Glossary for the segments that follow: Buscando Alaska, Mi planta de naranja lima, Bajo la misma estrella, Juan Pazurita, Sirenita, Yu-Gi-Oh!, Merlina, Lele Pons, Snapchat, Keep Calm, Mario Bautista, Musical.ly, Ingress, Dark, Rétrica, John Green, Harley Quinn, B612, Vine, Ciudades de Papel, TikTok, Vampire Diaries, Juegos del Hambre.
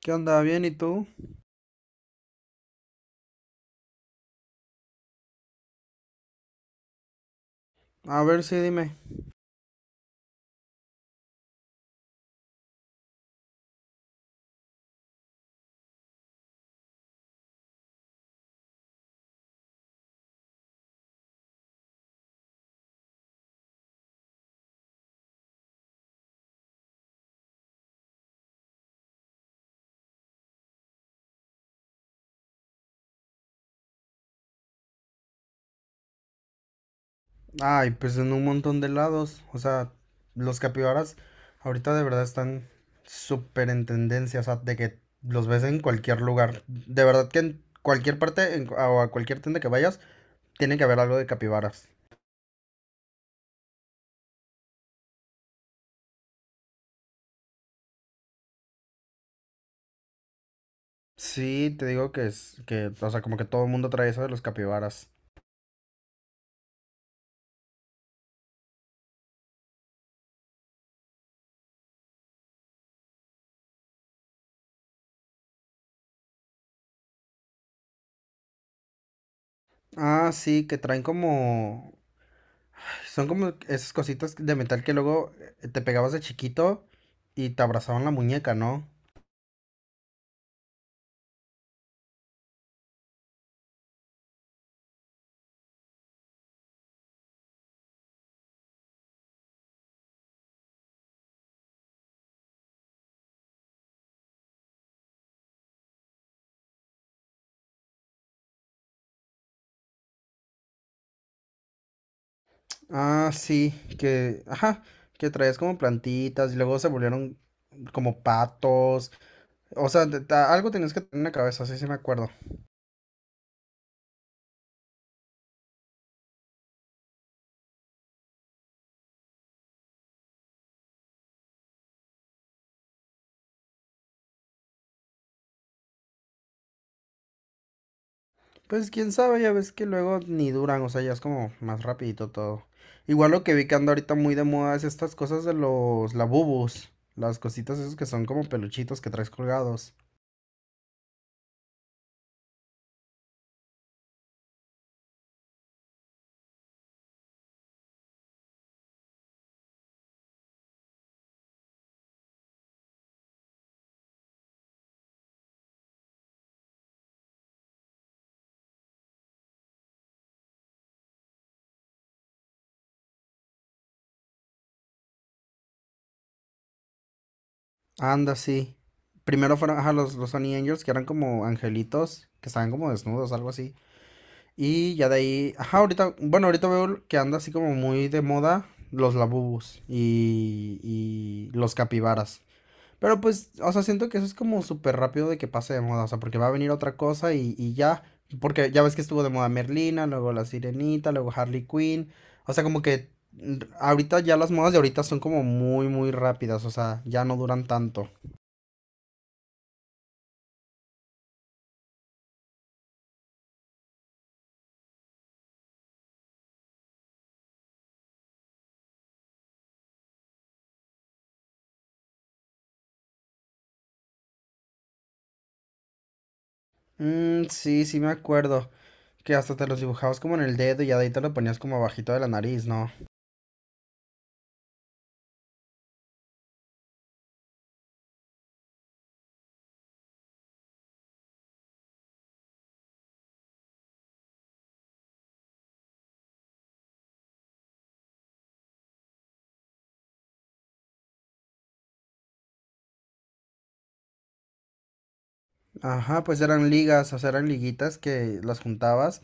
¿Qué onda? ¿Bien? ¿Y tú? A ver, sí, dime. Ay, pues en un montón de lados. O sea, los capibaras ahorita de verdad están súper en tendencia. O sea, de que los ves en cualquier lugar. De verdad que en cualquier parte o a cualquier tienda que vayas, tiene que haber algo de capibaras. Sí, te digo que, o sea, como que todo el mundo trae eso de los capibaras. Ah, sí, que traen como... Son como esas cositas de metal que luego te pegabas de chiquito y te abrazaban la muñeca, ¿no? Ah, sí, que, ajá, que traías como plantitas y luego se volvieron como patos. O sea, algo tenías que tener en la cabeza, sí, sí me acuerdo. Pues quién sabe, ya ves que luego ni duran, o sea, ya es como más rapidito todo. Igual lo que vi que anda ahorita muy de moda es estas cosas de los labubus, las cositas esas que son como peluchitos que traes colgados. Anda, sí. Primero fueron, ajá, los Honey Angels, que eran como angelitos, que estaban como desnudos, algo así. Y ya de ahí, ajá, ahorita, bueno, ahorita veo que anda así como muy de moda los labubus y los capibaras. Pero pues, o sea, siento que eso es como súper rápido de que pase de moda, o sea, porque va a venir otra cosa y ya, porque ya ves que estuvo de moda Merlina, luego la Sirenita, luego Harley Quinn, o sea, ahorita ya las modas de ahorita son como muy, muy rápidas, o sea, ya no duran tanto. Mm, sí, sí me acuerdo, que hasta te los dibujabas como en el dedo y ya de ahí te lo ponías como abajito de la nariz, ¿no? Ajá, pues eran ligas, o sea, eran liguitas que las juntabas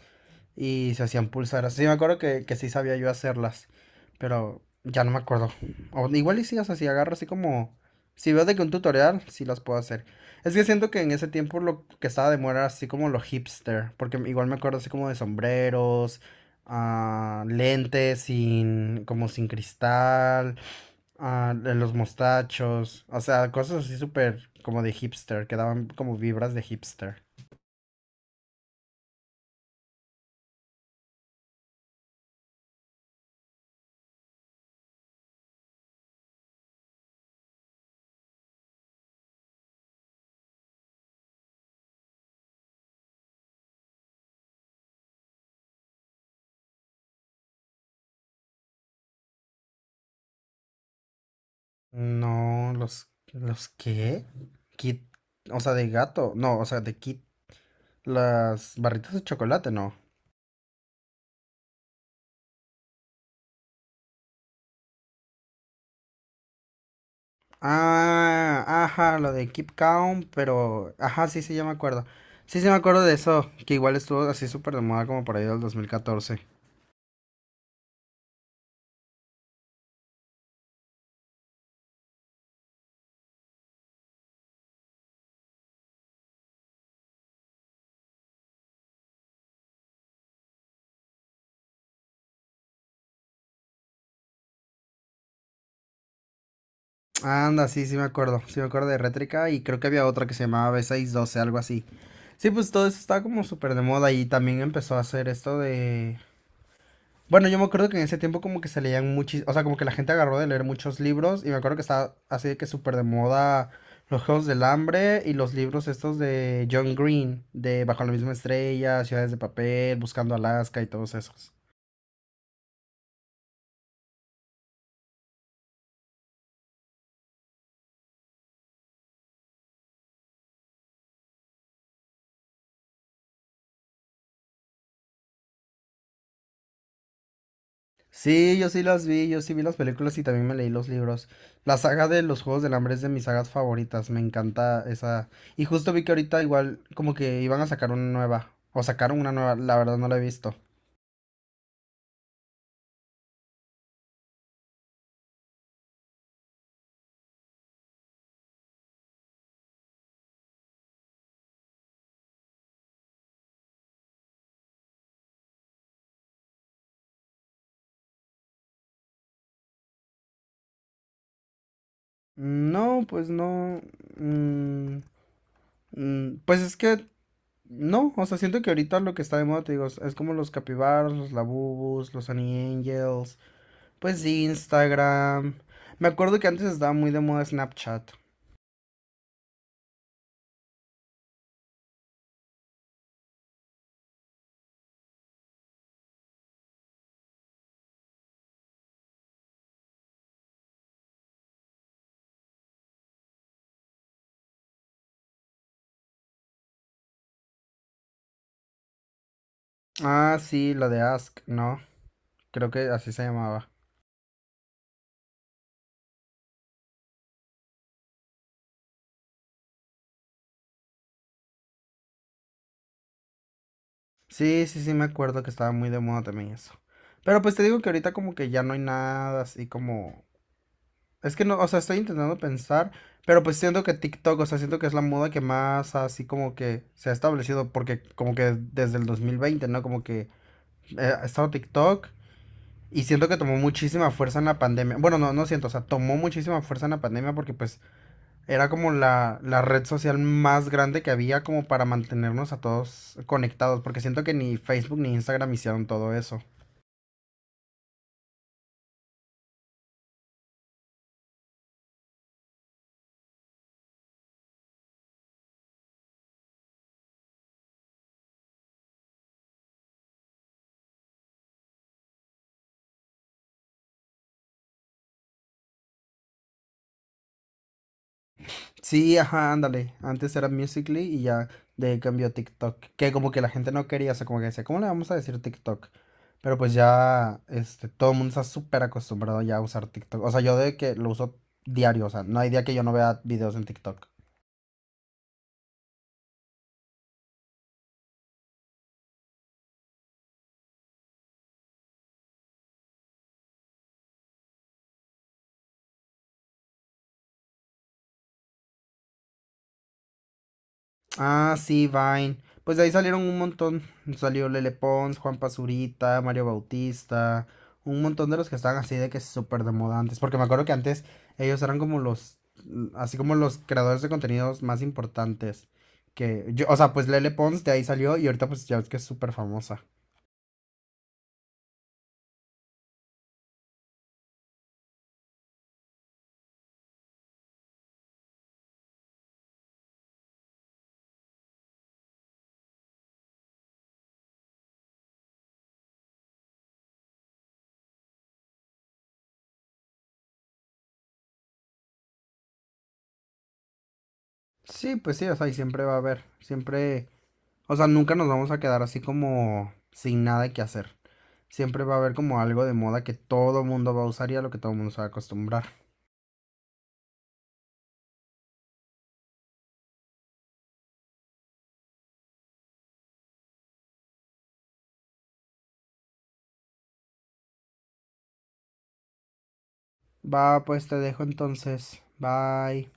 y se hacían pulseras. Sí, me acuerdo que sí sabía yo hacerlas, pero ya no me acuerdo. O igual y sí, o sea, si agarro así como... Si veo de que un tutorial, sí las puedo hacer. Es que siento que en ese tiempo lo que estaba de moda era así como lo hipster, porque igual me acuerdo así como de sombreros, ah, lentes sin, como sin cristal, ah, de los mostachos, o sea, cosas así súper como de hipster, que daban como vibras de hipster. No, ¿los qué? Kit, o sea, de gato, no, o sea, de Kit, las barritas de chocolate, no. Ah, ajá, lo de Keep Calm, pero, ajá, sí, sí, ya me acuerdo. Sí, sí, me acuerdo de eso, que igual estuvo así súper de moda como por ahí del 2014. Anda, sí, sí me acuerdo de Rétrica y creo que había otra que se llamaba B612, algo así. Sí, pues todo eso estaba como súper de moda y también empezó a hacer esto de... Bueno, yo me acuerdo que en ese tiempo como que se leían muchos, o sea, como que la gente agarró de leer muchos libros y me acuerdo que estaba así de que súper de moda los Juegos del Hambre y los libros estos de John Green, de Bajo la Misma Estrella, Ciudades de Papel, Buscando Alaska y todos esos. Sí, yo sí las vi, yo sí vi las películas y también me leí los libros. La saga de los Juegos del Hambre es de mis sagas favoritas, me encanta esa. Y justo vi que ahorita igual como que iban a sacar una nueva, o sacaron una nueva, la verdad no la he visto. No, pues no. mm, pues es que no, o sea, siento que ahorita lo que está de moda, te digo, es como los capibaras, los labubus, los Honey Angels, pues Instagram. Me acuerdo que antes estaba muy de moda Snapchat. Ah, sí, la de Ask, ¿no? Creo que así se llamaba. Sí, sí, sí, me acuerdo que estaba muy de moda también eso. Pero pues te digo que ahorita como que ya no hay nada así como... Es que no, o sea, estoy intentando pensar, pero pues siento que TikTok, o sea, siento que es la moda que más así como que se ha establecido, porque como que desde el dos mil veinte, ¿no? Como que ha estado TikTok y siento que tomó muchísima fuerza en la pandemia. Bueno, no siento, o sea, tomó muchísima fuerza en la pandemia porque pues era como la red social más grande que había como para mantenernos a todos conectados, porque siento que ni Facebook ni Instagram hicieron todo eso. Sí, ajá, ándale. Antes era Musical.ly y ya de ahí cambió a TikTok, que como que la gente no quería, o sea, como que decía, ¿cómo le vamos a decir TikTok? Pero pues ya, todo el mundo está súper acostumbrado ya a usar TikTok. O sea, yo de que lo uso diario, o sea, no hay día que yo no vea videos en TikTok. Ah, sí, Vine. Pues de ahí salieron un montón. Salió Lele Pons, Juan Pazurita, Mario Bautista, un montón de los que estaban así de que súper de moda antes. Porque me acuerdo que antes ellos eran como así como los creadores de contenidos más importantes. Que yo, o sea, pues Lele Pons de ahí salió y ahorita pues ya ves que es súper famosa. Sí, pues sí, o sea, y siempre va a haber, siempre, o sea, nunca nos vamos a quedar así como sin nada que hacer. Siempre va a haber como algo de moda que todo mundo va a usar y a lo que todo mundo se va a acostumbrar. Va, pues te dejo entonces. Bye.